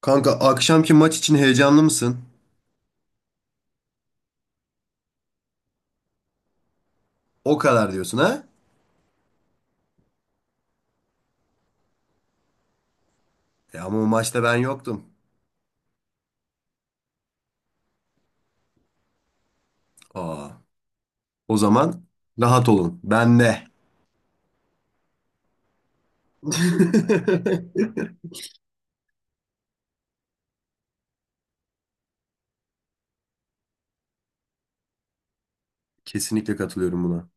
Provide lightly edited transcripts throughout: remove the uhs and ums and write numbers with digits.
Kanka akşamki maç için heyecanlı mısın? O kadar diyorsun ha? E ama o maçta ben yoktum. Aa, o zaman rahat olun. Ben de. Kesinlikle katılıyorum buna.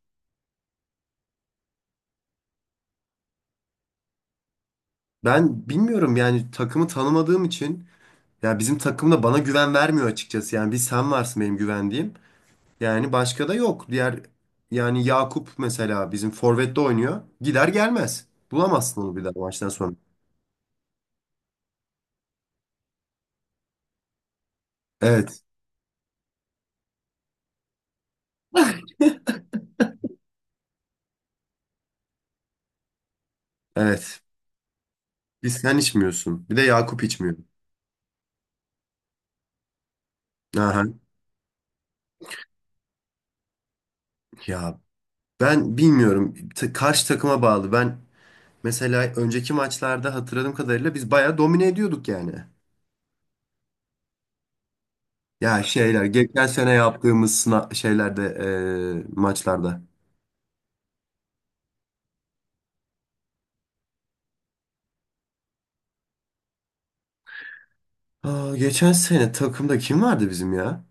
Ben bilmiyorum yani takımı tanımadığım için ya bizim takım da bana güven vermiyor açıkçası. Yani bir sen varsın benim güvendiğim. Yani başka da yok. Diğer yani Yakup mesela bizim forvette oynuyor. Gider gelmez. Bulamazsın onu bir daha maçtan sonra. Evet. Evet. Biz sen içmiyorsun. Bir de Yakup içmiyor. Aha. Ya ben bilmiyorum. Karşı takıma bağlı. Ben mesela önceki maçlarda hatırladığım kadarıyla biz bayağı domine ediyorduk yani. Ya şeyler geçen sene yaptığımız sına şeylerde maçlarda. Aa, geçen sene takımda kim vardı bizim ya?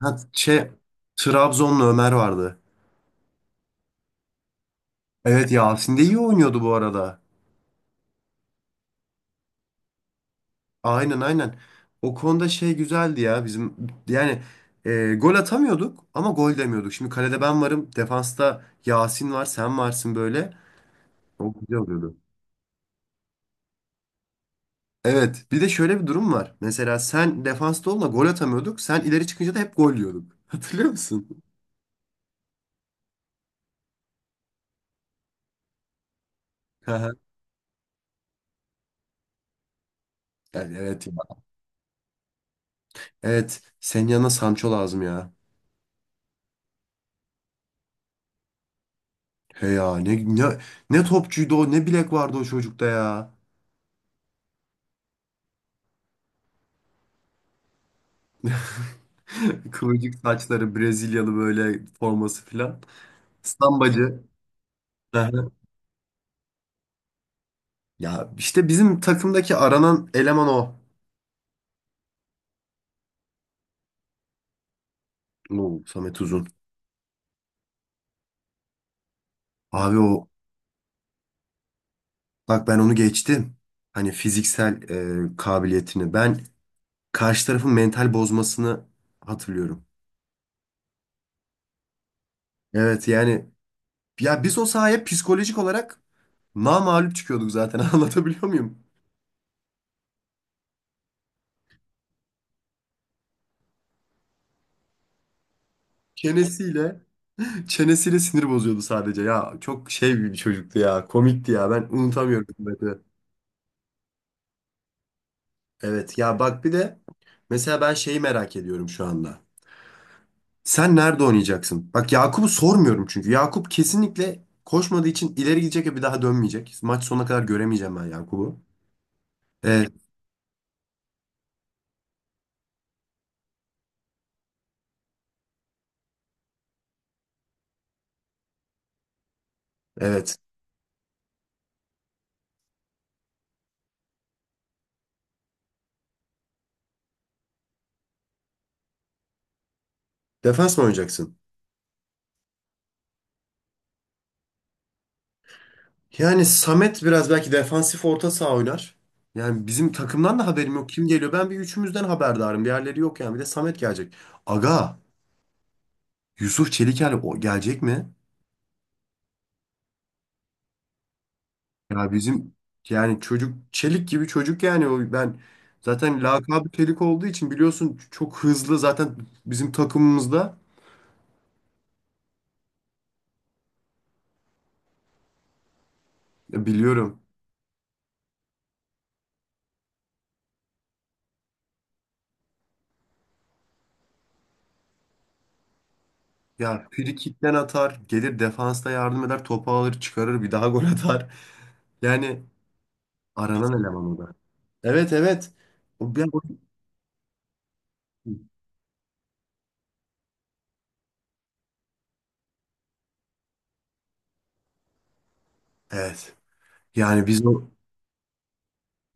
Ha, şey Trabzonlu Ömer vardı. Evet Yasin de iyi oynuyordu bu arada. Aynen aynen. O konuda şey güzeldi ya bizim yani gol atamıyorduk ama gol demiyorduk. Şimdi kalede ben varım, defansta Yasin var, sen varsın böyle. O güzel oluyordu. Evet, bir de şöyle bir durum var. Mesela sen defansta olma gol atamıyorduk. Sen ileri çıkınca da hep gol yiyorduk. Hatırlıyor musun? Aha. Yani evet ya. Evet, senin yanına Sancho lazım ya. He ya ne topçuydu o, ne bilek vardı o çocukta ya. Kıvırcık saçları, Brezilyalı böyle forması filan. Stambacı. Hı. Ya işte bizim takımdaki aranan eleman o. Bu Samet Uzun. Abi o bak ben onu geçtim. Hani fiziksel kabiliyetini. Ben karşı tarafın mental bozmasını hatırlıyorum. Evet yani ya biz o sahaya psikolojik olarak namağlup çıkıyorduk zaten anlatabiliyor muyum? Çenesiyle Çenesiyle sinir bozuyordu sadece. Ya çok şey bir çocuktu ya. Komikti ya. Ben unutamıyorum. Evet ya bak bir de mesela ben şeyi merak ediyorum şu anda. Sen nerede oynayacaksın? Bak Yakup'u sormuyorum çünkü. Yakup kesinlikle koşmadığı için ileri gidecek ve bir daha dönmeyecek. Maç sonuna kadar göremeyeceğim ben Yakup'u. Evet, evet. Defans mı oynayacaksın? Yani Samet biraz belki defansif orta saha oynar. Yani bizim takımdan da haberim yok. Kim geliyor? Ben bir üçümüzden haberdarım. Diğerleri yok yani. Bir de Samet gelecek. Aga, Yusuf Çeliker o gelecek mi? Ya bizim yani çocuk çelik gibi çocuk yani o ben zaten lakabı çelik olduğu için biliyorsun çok hızlı zaten bizim takımımızda. Ya biliyorum. Ya free kickten atar, gelir defansta yardım eder, topu alır, çıkarır, bir daha gol atar. Yani aranan eleman o da. Evet evet. O bir- Evet. Yani biz o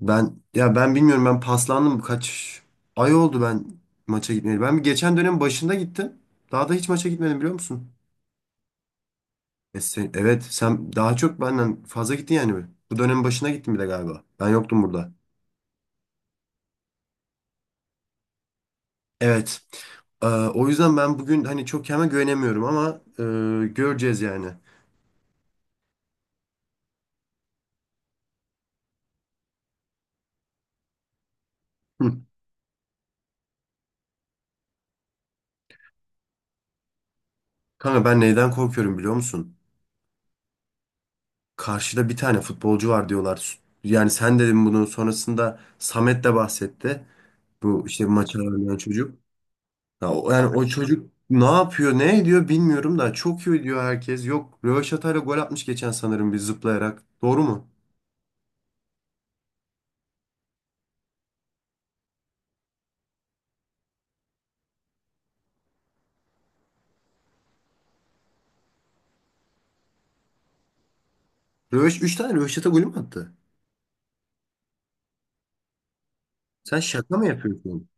ben ya ben bilmiyorum ben paslandım kaç ay oldu ben maça gitmeyeli. Ben bir geçen dönem başında gittim. Daha da hiç maça gitmedim biliyor musun? Evet sen daha çok benden fazla gittin yani. Bu dönemin başına gittin bile galiba. Ben yoktum burada. Evet. O yüzden ben bugün hani çok kendime güvenemiyorum ama göreceğiz yani. Hı. Kanka ben neyden korkuyorum biliyor musun? Karşıda bir tane futbolcu var diyorlar. Yani sen dedin bunu sonrasında Samet de bahsetti. Bu işte maçı oynayan çocuk. Ya, yani o çocuk ne yapıyor ne ediyor bilmiyorum da çok iyi diyor herkes. Yok Röveşata'yla gol atmış geçen sanırım bir zıplayarak. Doğru mu? Üç tane Röveşata golü mü attı? Sen şaka mı yapıyorsun?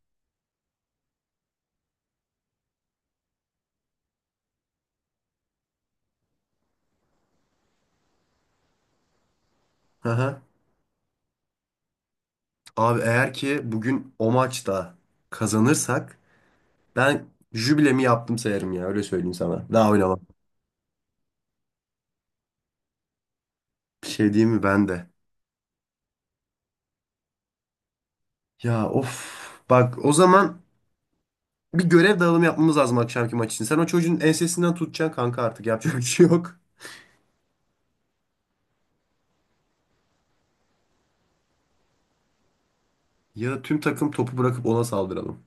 Aha. Abi eğer ki bugün o maçta kazanırsak ben jübilemi yaptım sayarım ya öyle söyleyeyim sana. Daha oynamam. Bir şey diyeyim mi ben de. Ya of. Bak o zaman bir görev dağılımı yapmamız lazım akşamki maç için. Sen o çocuğun ensesinden tutacaksın kanka artık yapacak bir şey yok. Ya da tüm takım topu bırakıp ona saldıralım.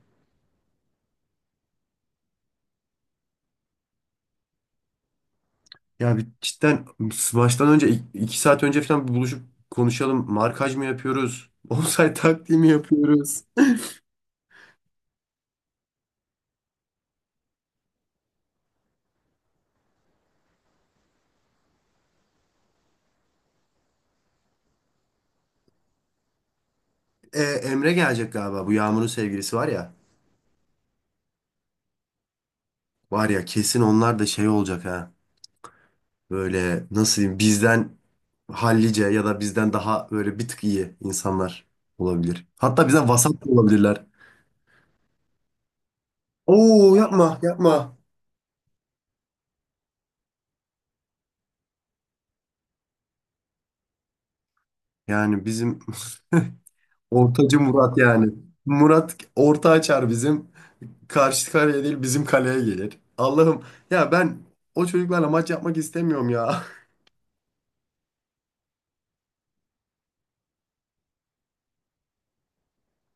Ya bir cidden maçtan önce iki saat önce falan bir buluşup konuşalım. Markaj mı yapıyoruz? Offside taktiği mi yapıyoruz? E, Emre gelecek galiba. Bu Yağmur'un sevgilisi var ya. Var ya kesin onlar da şey olacak ha. Böyle nasıl diyeyim bizden hallice ya da bizden daha böyle bir tık iyi insanlar olabilir. Hatta bizden vasat da olabilirler. Oo yapma yapma. Yani bizim ortacı Murat yani. Murat orta açar bizim. Karşı kaleye değil bizim kaleye gelir. Allah'ım ya ben o çocuklarla maç yapmak istemiyorum ya.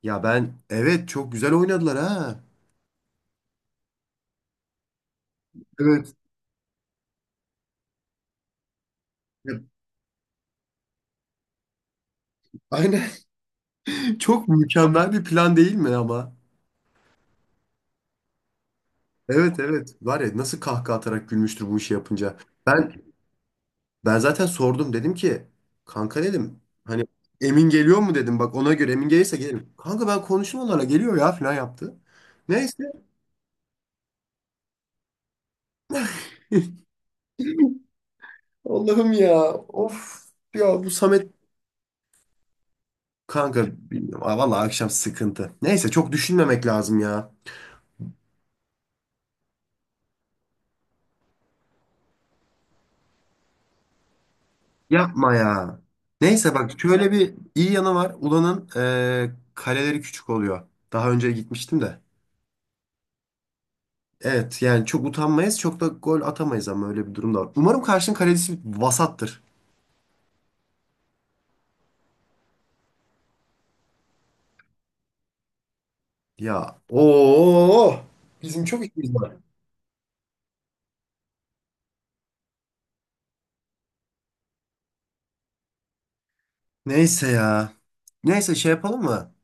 Ya ben evet çok güzel oynadılar ha. Evet. Ya, aynen. Çok mükemmel bir plan değil mi ama? Evet evet. Var ya nasıl kahkaha atarak gülmüştür bu işi yapınca. Ben ben zaten sordum dedim ki kanka dedim hani Emin geliyor mu dedim bak ona göre Emin gelirse gelirim. Kanka ben konuştum onlarla geliyor ya falan yaptı. Neyse. Allah'ım ya. Of. Ya bu Samet kanka bilmiyorum. Aa, vallahi akşam sıkıntı. Neyse çok düşünmemek lazım ya. Yapma ya. Neyse bak şöyle bir iyi yanı var. Ulan'ın kaleleri küçük oluyor. Daha önce gitmiştim de. Evet yani çok utanmayız çok da gol atamayız ama öyle bir durum da var. Umarım karşının kalecisi vasattır. Ya ooo bizim çok işimiz var. Neyse ya. Neyse şey yapalım mı?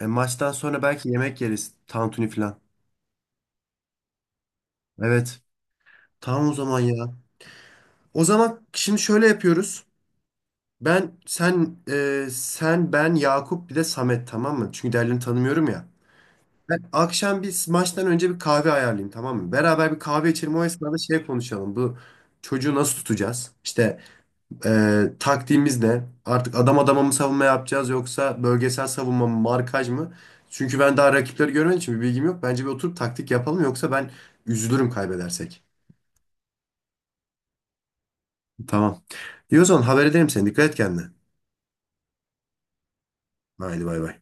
E, maçtan sonra belki yemek yeriz. Tantuni falan. Evet. Tamam o zaman ya. O zaman şimdi şöyle yapıyoruz. Ben sen e, sen ben Yakup bir de Samet tamam mı? Çünkü diğerlerini tanımıyorum ya. Ben akşam biz maçtan önce bir kahve ayarlayayım tamam mı? Beraber bir kahve içelim o esnada şey konuşalım. Bu çocuğu nasıl tutacağız? İşte e, taktiğimiz ne? Artık adam adama mı savunma yapacağız yoksa bölgesel savunma mı markaj mı? Çünkü ben daha rakipleri görmediğim için bir bilgim yok. Bence bir oturup taktik yapalım yoksa ben üzülürüm kaybedersek. Tamam. İyi o zaman haber ederim seni. Dikkat et kendine. Haydi bay bay.